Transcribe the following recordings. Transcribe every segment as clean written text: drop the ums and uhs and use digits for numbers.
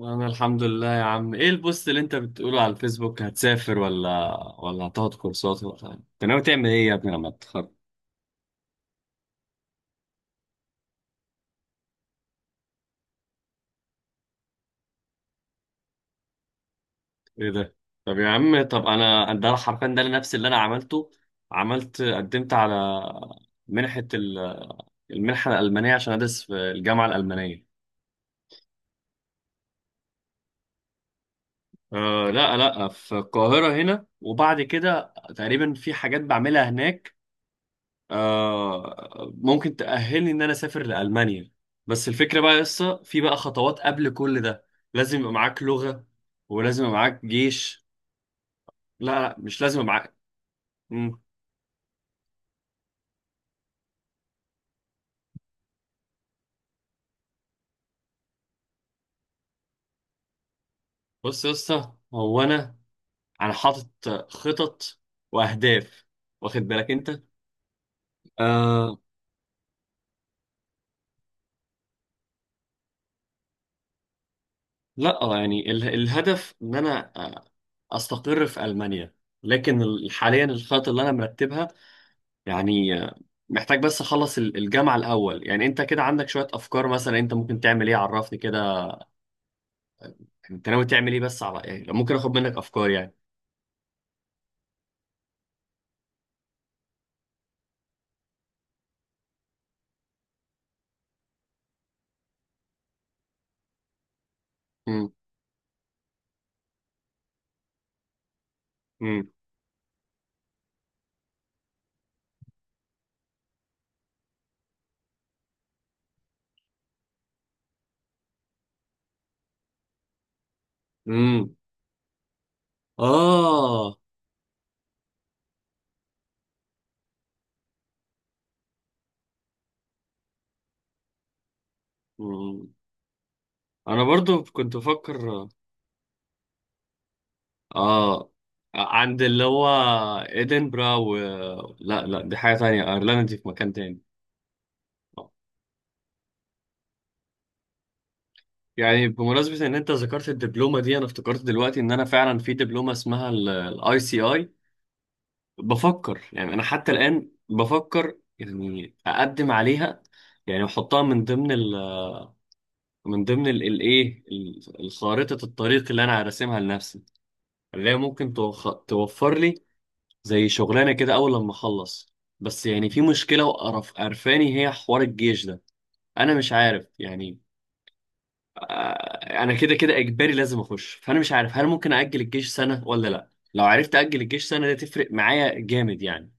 انا الحمد لله يا عم، ايه البوست اللي انت بتقوله على الفيسبوك؟ هتسافر ولا هتاخد كورسات، ولا انت ناوي تعمل ايه يا ابني لما تتخرج؟ ايه ده؟ طب يا عم، طب انا ده حرفيا ده نفس اللي انا عملته. عملت، قدمت على منحة ال- المنحة الألمانية عشان أدرس في الجامعة الألمانية. أه، لا لا، في القاهرة هنا، وبعد كده تقريبا في حاجات بعملها هناك. ممكن تأهلني إن أنا أسافر لألمانيا، بس الفكرة بقى لسه في بقى خطوات قبل كل ده. لازم يبقى معاك لغة، ولازم يبقى معاك جيش. لا لا، مش لازم يبقى معاك. مم. بص يا اسطى، هو أنا حاطط خطط وأهداف، واخد بالك أنت؟ آه لا، يعني الهدف إن أنا، أستقر في ألمانيا. لكن حاليا الخطط اللي أنا مرتبها، يعني محتاج بس اخلص الجامعة الاول. يعني انت كده عندك شوية افكار؟ مثلا انت ممكن تعمل ايه؟ عرفني كده، يعني انت ناوي تعمل ايه؟ بس على، يعني لو ممكن اخد منك افكار يعني. امم. امم. امم. اه. مم. انا برضو كنت بفكر، اه، عند اللي هو ادنبرا و، لا لا، دي حاجة تانية، ايرلندا دي في مكان تاني. آه. يعني بمناسبة ان انت ذكرت الدبلومة دي، انا افتكرت دلوقتي ان انا فعلا في دبلومة اسمها الاي سي اي. بفكر يعني، انا حتى الان بفكر يعني اقدم عليها، يعني احطها من ضمن ال، من ضمن الايه، الخارطة الطريق اللي انا راسمها لنفسي، اللي هي ممكن توفر لي زي شغلانه كده اول لما اخلص. بس يعني في مشكله وقرف قرفاني، هي حوار الجيش ده. انا مش عارف يعني، انا كده كده اجباري لازم اخش، فانا مش عارف هل ممكن اجل الجيش سنه ولا لا. لو عرفت اجل الجيش سنه ده تفرق معايا جامد يعني.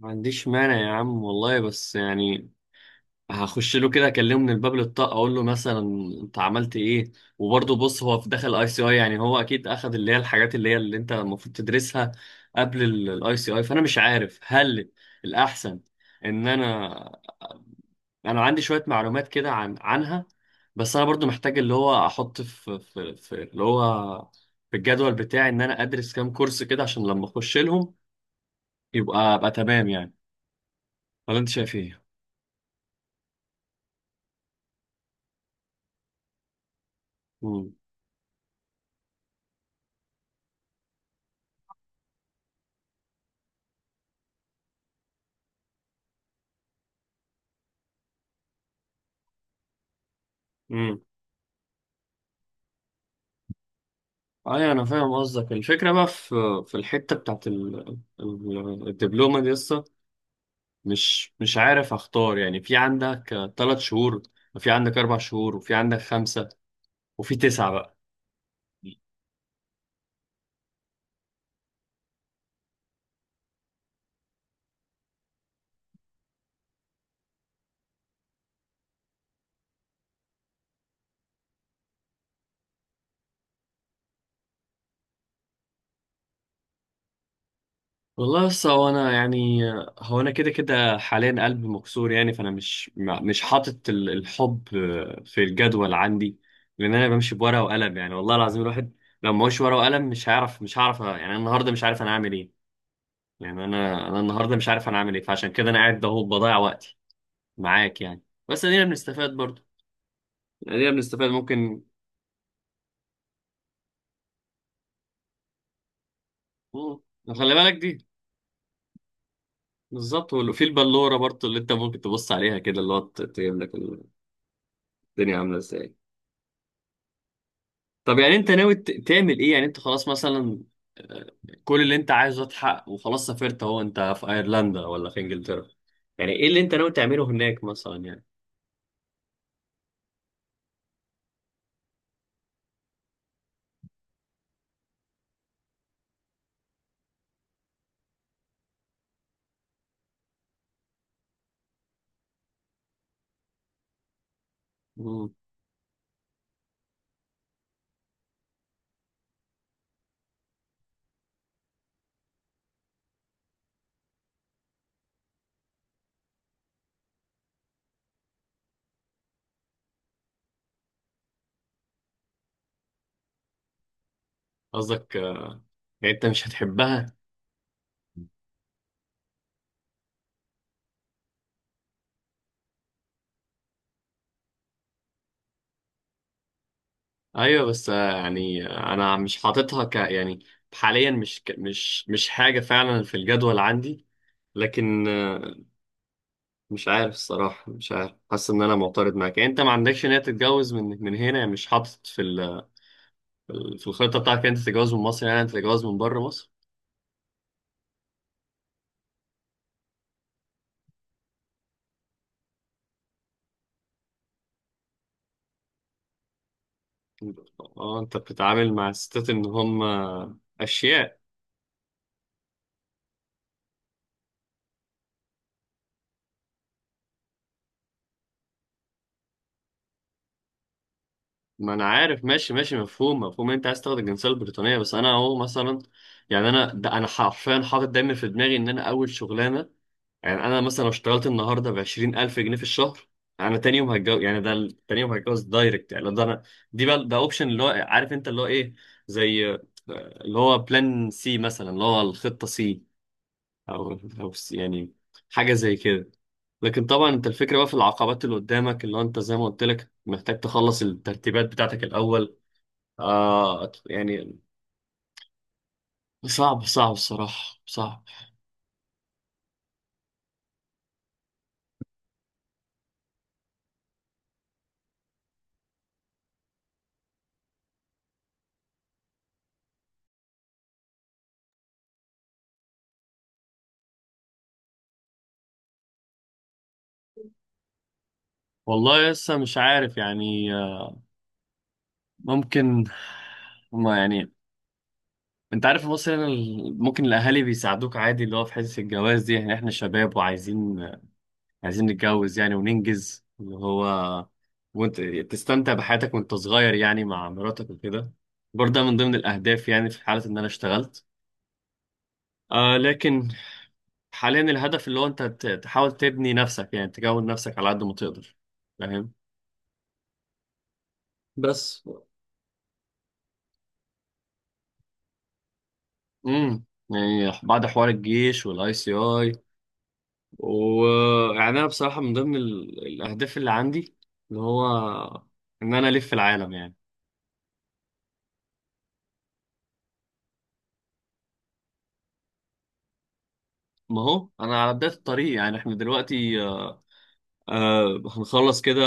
ما عنديش مانع يا عم والله، بس يعني هخش له كده اكلمه من الباب للطاق، اقول له مثلا انت عملت ايه. وبرضه بص، هو في داخل اي سي اي، يعني هو اكيد اخذ اللي هي الحاجات اللي هي اللي انت المفروض تدرسها قبل الاي سي اي. فانا مش عارف هل الاحسن ان انا، انا عندي شويه معلومات كده عن عنها، بس انا برضو محتاج اللي هو احط في اللي هو، في الجدول بتاعي ان انا ادرس كام كورس كده، عشان لما اخش لهم يبقى ابقى تمام يعني. ولا انت شايف ايه؟ مم. مم. ايوه، انا فاهم قصدك. الفكره بقى في، في الحته بتاعت الدبلومه دي لسه، مش عارف اختار يعني. في عندك 3 شهور، وفي عندك 4 شهور، وفي عندك خمسه، وفي تسعه بقى. والله لسه، هو انا يعني، هو انا كده كده حاليا قلبي مكسور، يعني فانا مش، مش حاطط الحب في الجدول عندي، لان انا بمشي بورقه وقلم. يعني والله العظيم، الواحد لو ما هوش ورقه وقلم مش هيعرف، مش هعرف يعني. أنا النهارده مش عارف انا هعمل ايه، يعني انا، النهارده مش عارف انا اعمل ايه، فعشان كده انا قاعد اهو بضيع وقتي معاك يعني. بس ادينا بنستفاد برضه، ادينا بنستفاد ممكن. مم. خلي بالك دي بالظبط، وفي البلوره برضه اللي انت ممكن تبص عليها كده اللي هو تجيب لك الدنيا عامله ازاي. طب يعني انت ناوي تعمل ايه؟ يعني انت خلاص مثلا، آه، كل اللي انت عايزه اتحقق وخلاص سافرت اهو، انت في ايرلندا ولا في انجلترا، يعني ايه اللي انت ناوي تعمله هناك مثلا يعني؟ مم. قصدك، يعني انت مش هتحبها؟ ايوه، بس يعني، انا مش حاططها يعني، حاليا مش حاجه فعلا في الجدول عندي، لكن مش عارف الصراحه، مش عارف، حاسس ان انا معترض معاك. يعني انت ما عندكش نيه تتجوز من هنا يعني؟ مش حاطط في في الخطه بتاعتك، انت تتجوز من مصر، يعني انت تتجوز من بره مصر. اه، انت بتتعامل مع الستات ان هم اشياء. ما انا عارف، ماشي ماشي، مفهوم مفهوم، انت عايز تاخد الجنسيه البريطانيه، بس انا اهو مثلا، يعني انا ده انا حرفيا حاطط دايما في دماغي ان انا اول شغلانه، يعني انا مثلا لو اشتغلت النهارده ب 20000 جنيه في الشهر، انا تاني يوم هتجوز يعني. ده تاني يوم هتجوز دايركت، يعني ده انا، دي بقى، ده اوبشن اللي هو عارف انت اللي هو ايه، زي اللي هو بلان سي مثلا، اللي هو الخطه سي، او او سي يعني، حاجه زي كده. لكن طبعا انت الفكره بقى في العقبات اللي قدامك، اللي هو انت زي ما قلت لك محتاج تخلص الترتيبات بتاعتك الاول. يعني صعب، صعب الصراحه، صعب. والله لسه مش عارف يعني، ممكن هما يعني، انت عارف في مصر هنا ممكن الاهالي بيساعدوك عادي، اللي هو في حته الجواز دي. يعني احنا شباب وعايزين، نتجوز يعني وننجز اللي هو، وانت تستمتع بحياتك وانت صغير، يعني مع مراتك وكده. برضه ده من ضمن الاهداف يعني، في حاله ان انا اشتغلت، آه، لكن حاليا الهدف اللي هو انت تحاول تبني نفسك، يعني تكون نفسك على قد ما تقدر. فاهم؟ بس امم يعني، بعد حوار الجيش والاي سي اي، ويعني انا بصراحه من ضمن الاهداف اللي عندي، اللي هو ان انا الف العالم يعني. ما هو انا على بدايه الطريق يعني، احنا دلوقتي، هنخلص كده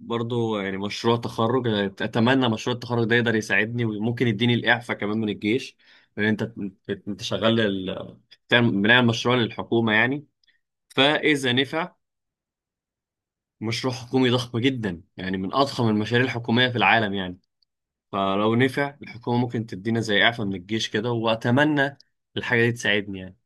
برضو. يعني مشروع تخرج، أنا اتمنى مشروع التخرج ده يقدر يساعدني، وممكن يديني الاعفاء كمان من الجيش. لان انت، انت شغال بنعمل مشروع للحكومه يعني، فاذا نفع، مشروع حكومي ضخم جدا يعني من اضخم المشاريع الحكوميه في العالم يعني. فلو نفع الحكومة ممكن تدينا زي إعفاء من الجيش كده، وأتمنى الحاجة دي تساعدني يعني.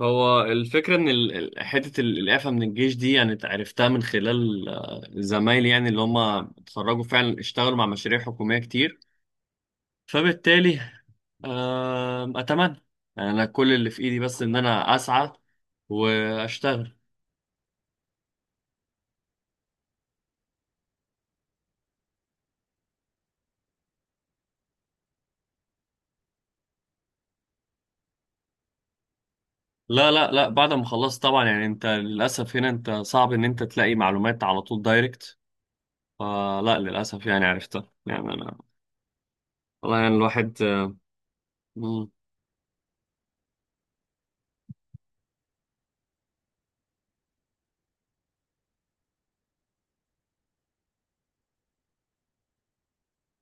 هو الفكرة إن حتة الإعفاء من الجيش دي، يعني عرفتها من خلال زمايلي يعني، اللي هم اتخرجوا فعلا اشتغلوا مع مشاريع حكومية كتير، فبالتالي، أتمنى. يعني أنا كل اللي في إيدي بس إن أنا أسعى وأشتغل. لا لا لا، بعد ما خلصت طبعا، يعني أنت للأسف هنا أنت صعب إن أنت تلاقي معلومات على طول دايركت، فلا، للأسف، يعني عرفتها، يعني أنا والله يعني، الواحد مم.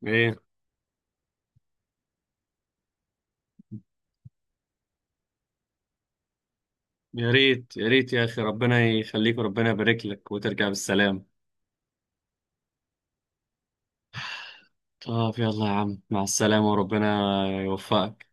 ايه، يا ريت يا ريت يا اخي، ربنا يخليك وربنا يبارك لك وترجع بالسلامة. اه في الله يا عم، مع السلامة وربنا يوفقك.